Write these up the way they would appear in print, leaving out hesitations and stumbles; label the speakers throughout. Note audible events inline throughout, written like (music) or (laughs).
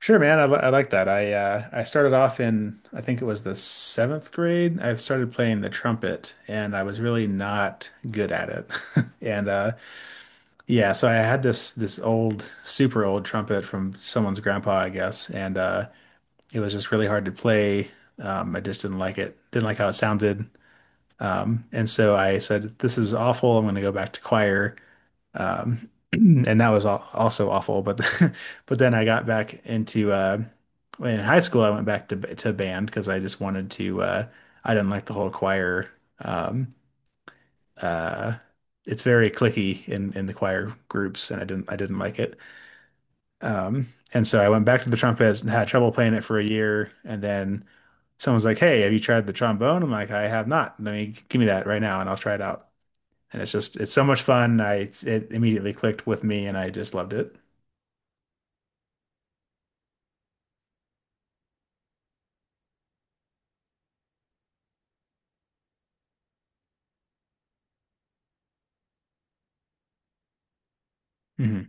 Speaker 1: Sure, man. I like that. I started off in I think it was the seventh grade. I started playing the trumpet, and I was really not good at it. (laughs) And yeah, so I had this old, super old trumpet from someone's grandpa, I guess, and it was just really hard to play. I just didn't like it. Didn't like how it sounded. And so I said, "This is awful. I'm going to go back to choir." (clears throat) And that was al also awful. But (laughs) but then I got back into in high school. I went back to band because I just wanted to. I didn't like the whole choir. Um, uh, it's very clicky in the choir groups, and I didn't like it. Um, and so I went back to the trumpet and had trouble playing it for a year, and then. Someone's like, "Hey, have you tried the trombone?" I'm like, "I have not. Let me Give me that right now, and I'll try it out." And it's so much fun. I It immediately clicked with me and I just loved it. Hmm.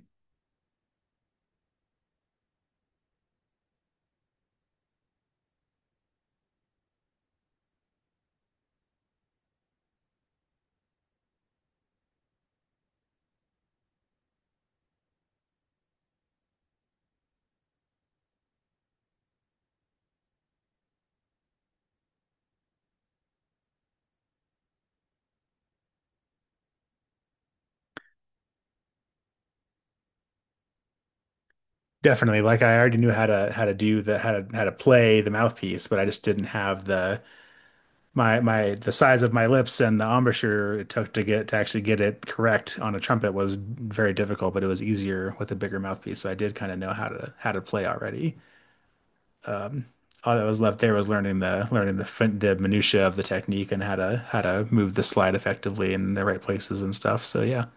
Speaker 1: Definitely. Like I already knew how to do the how to play the mouthpiece, but I just didn't have the my my the size of my lips and the embouchure it took to get to actually get it correct on a trumpet was very difficult, but it was easier with a bigger mouthpiece. So I did kind of know how to play already. All that was left there was learning the minutia of the technique and how to move the slide effectively in the right places and stuff. So yeah.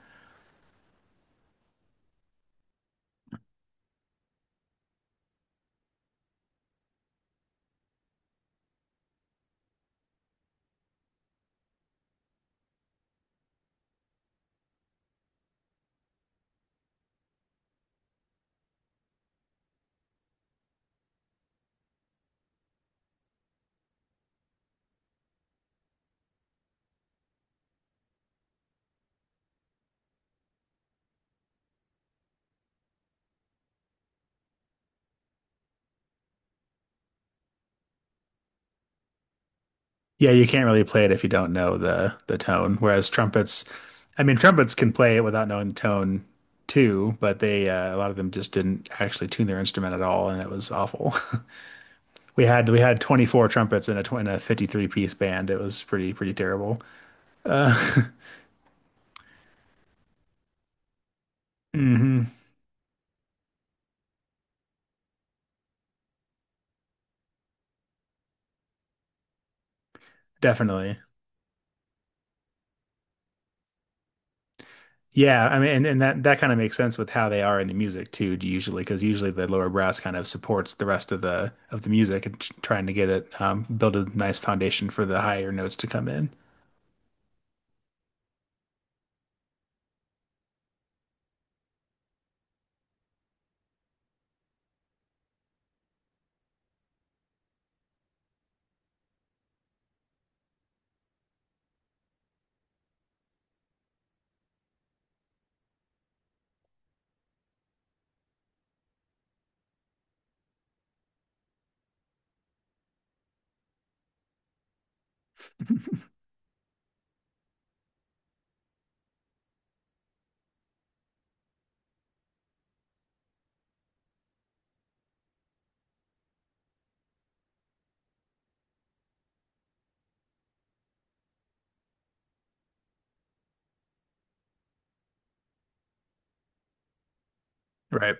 Speaker 1: Yeah, you can't really play it if you don't know the tone. Whereas trumpets, I mean, trumpets can play it without knowing the tone too, but they a lot of them just didn't actually tune their instrument at all, and it was awful. (laughs) We had 24 trumpets in in a 53-piece band. It was pretty pretty terrible. Uh, (laughs) hmm, definitely. Yeah, I mean, and that kind of makes sense with how they are in the music too, usually, because usually the lower brass kind of supports the rest of the music and trying to get it build a nice foundation for the higher notes to come in. Right.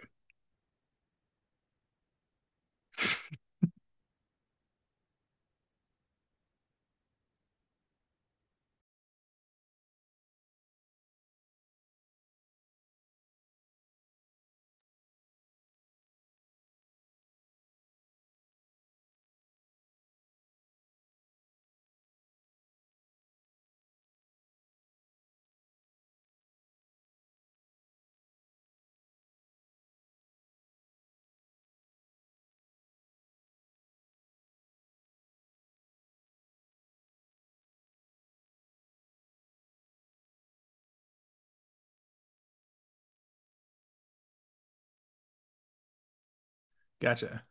Speaker 1: Gotcha.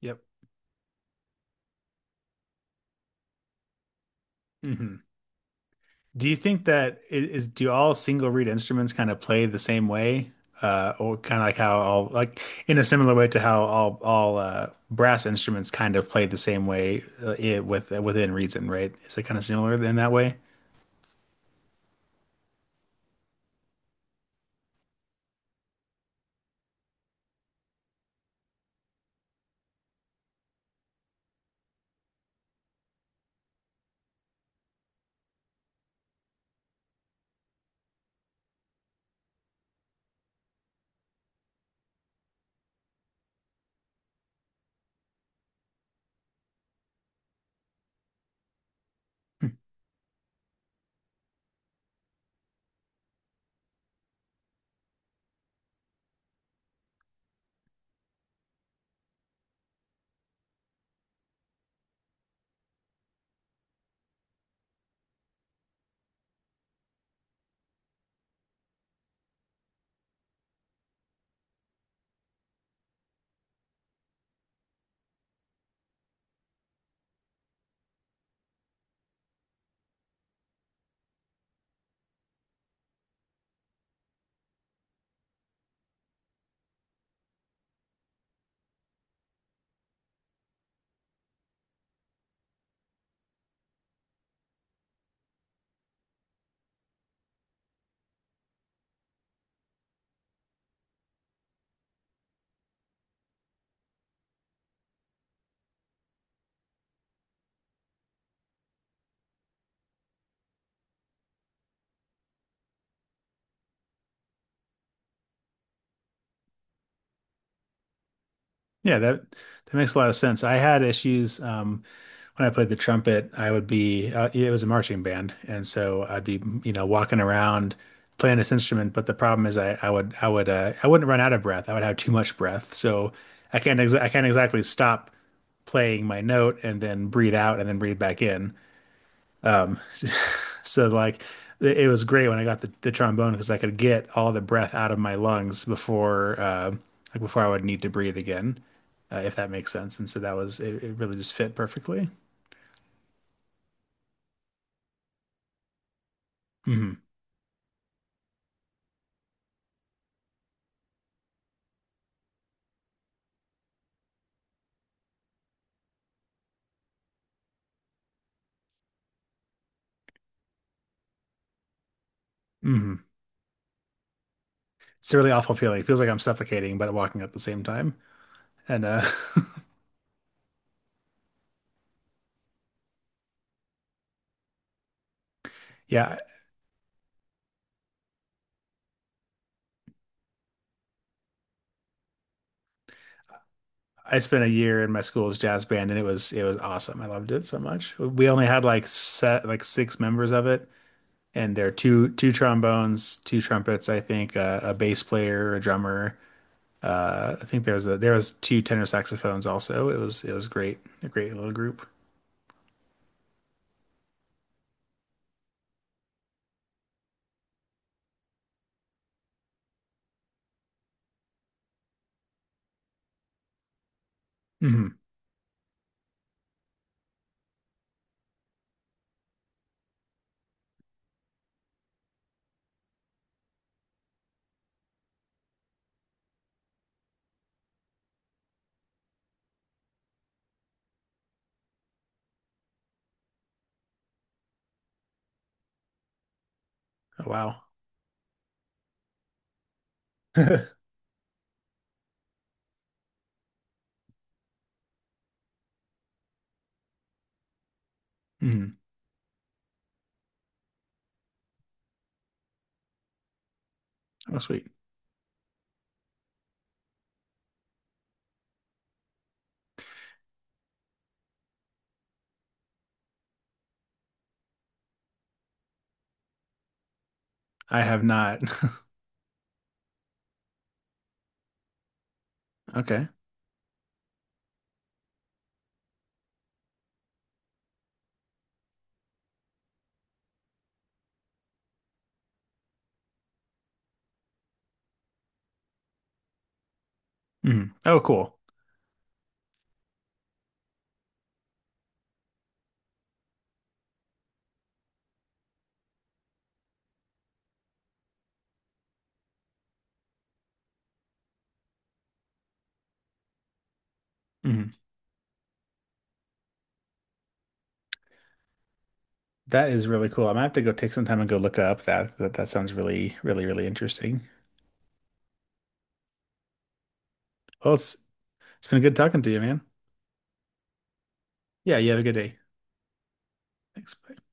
Speaker 1: Yep. Hmm. Do you think that I- is do all single reed instruments kind of play the same way, or kind of like how all like in a similar way to how all brass instruments kind of play the same way with within reason, right? Is it kind of similar in that way? Yeah, that that makes a lot of sense. I had issues when I played the trumpet. I would be yeah, it was a marching band, and so I'd be you know walking around playing this instrument. But the problem is, I would I wouldn't run out of breath. I would have too much breath, so I can't exactly stop playing my note and then breathe out and then breathe back in. So like it was great when I got the trombone because I could get all the breath out of my lungs before before I would need to breathe again, if that makes sense. And so that was it really just fit perfectly. Hmm. Hmm. It's a really awful feeling. It feels like I'm suffocating but walking at the same time. And (laughs) yeah, I spent a year in my school's jazz band and it was awesome. I loved it so much. We only had like set like six members of it. And there are two trombones, two trumpets, I think, a bass player, a drummer, uh, I think there was a there was two tenor saxophones also. It was great, a great little group. Hmm. Oh, wow. (laughs) Hmm. Oh, sweet. I have not. (laughs) Okay. Hmm. Oh, cool. Hmm. That is really cool. I am gonna have to go take some time and go look up. That sounds really really really interesting. Well, it's been good talking to you, man. Yeah, you have a good day. Thanks. Bye.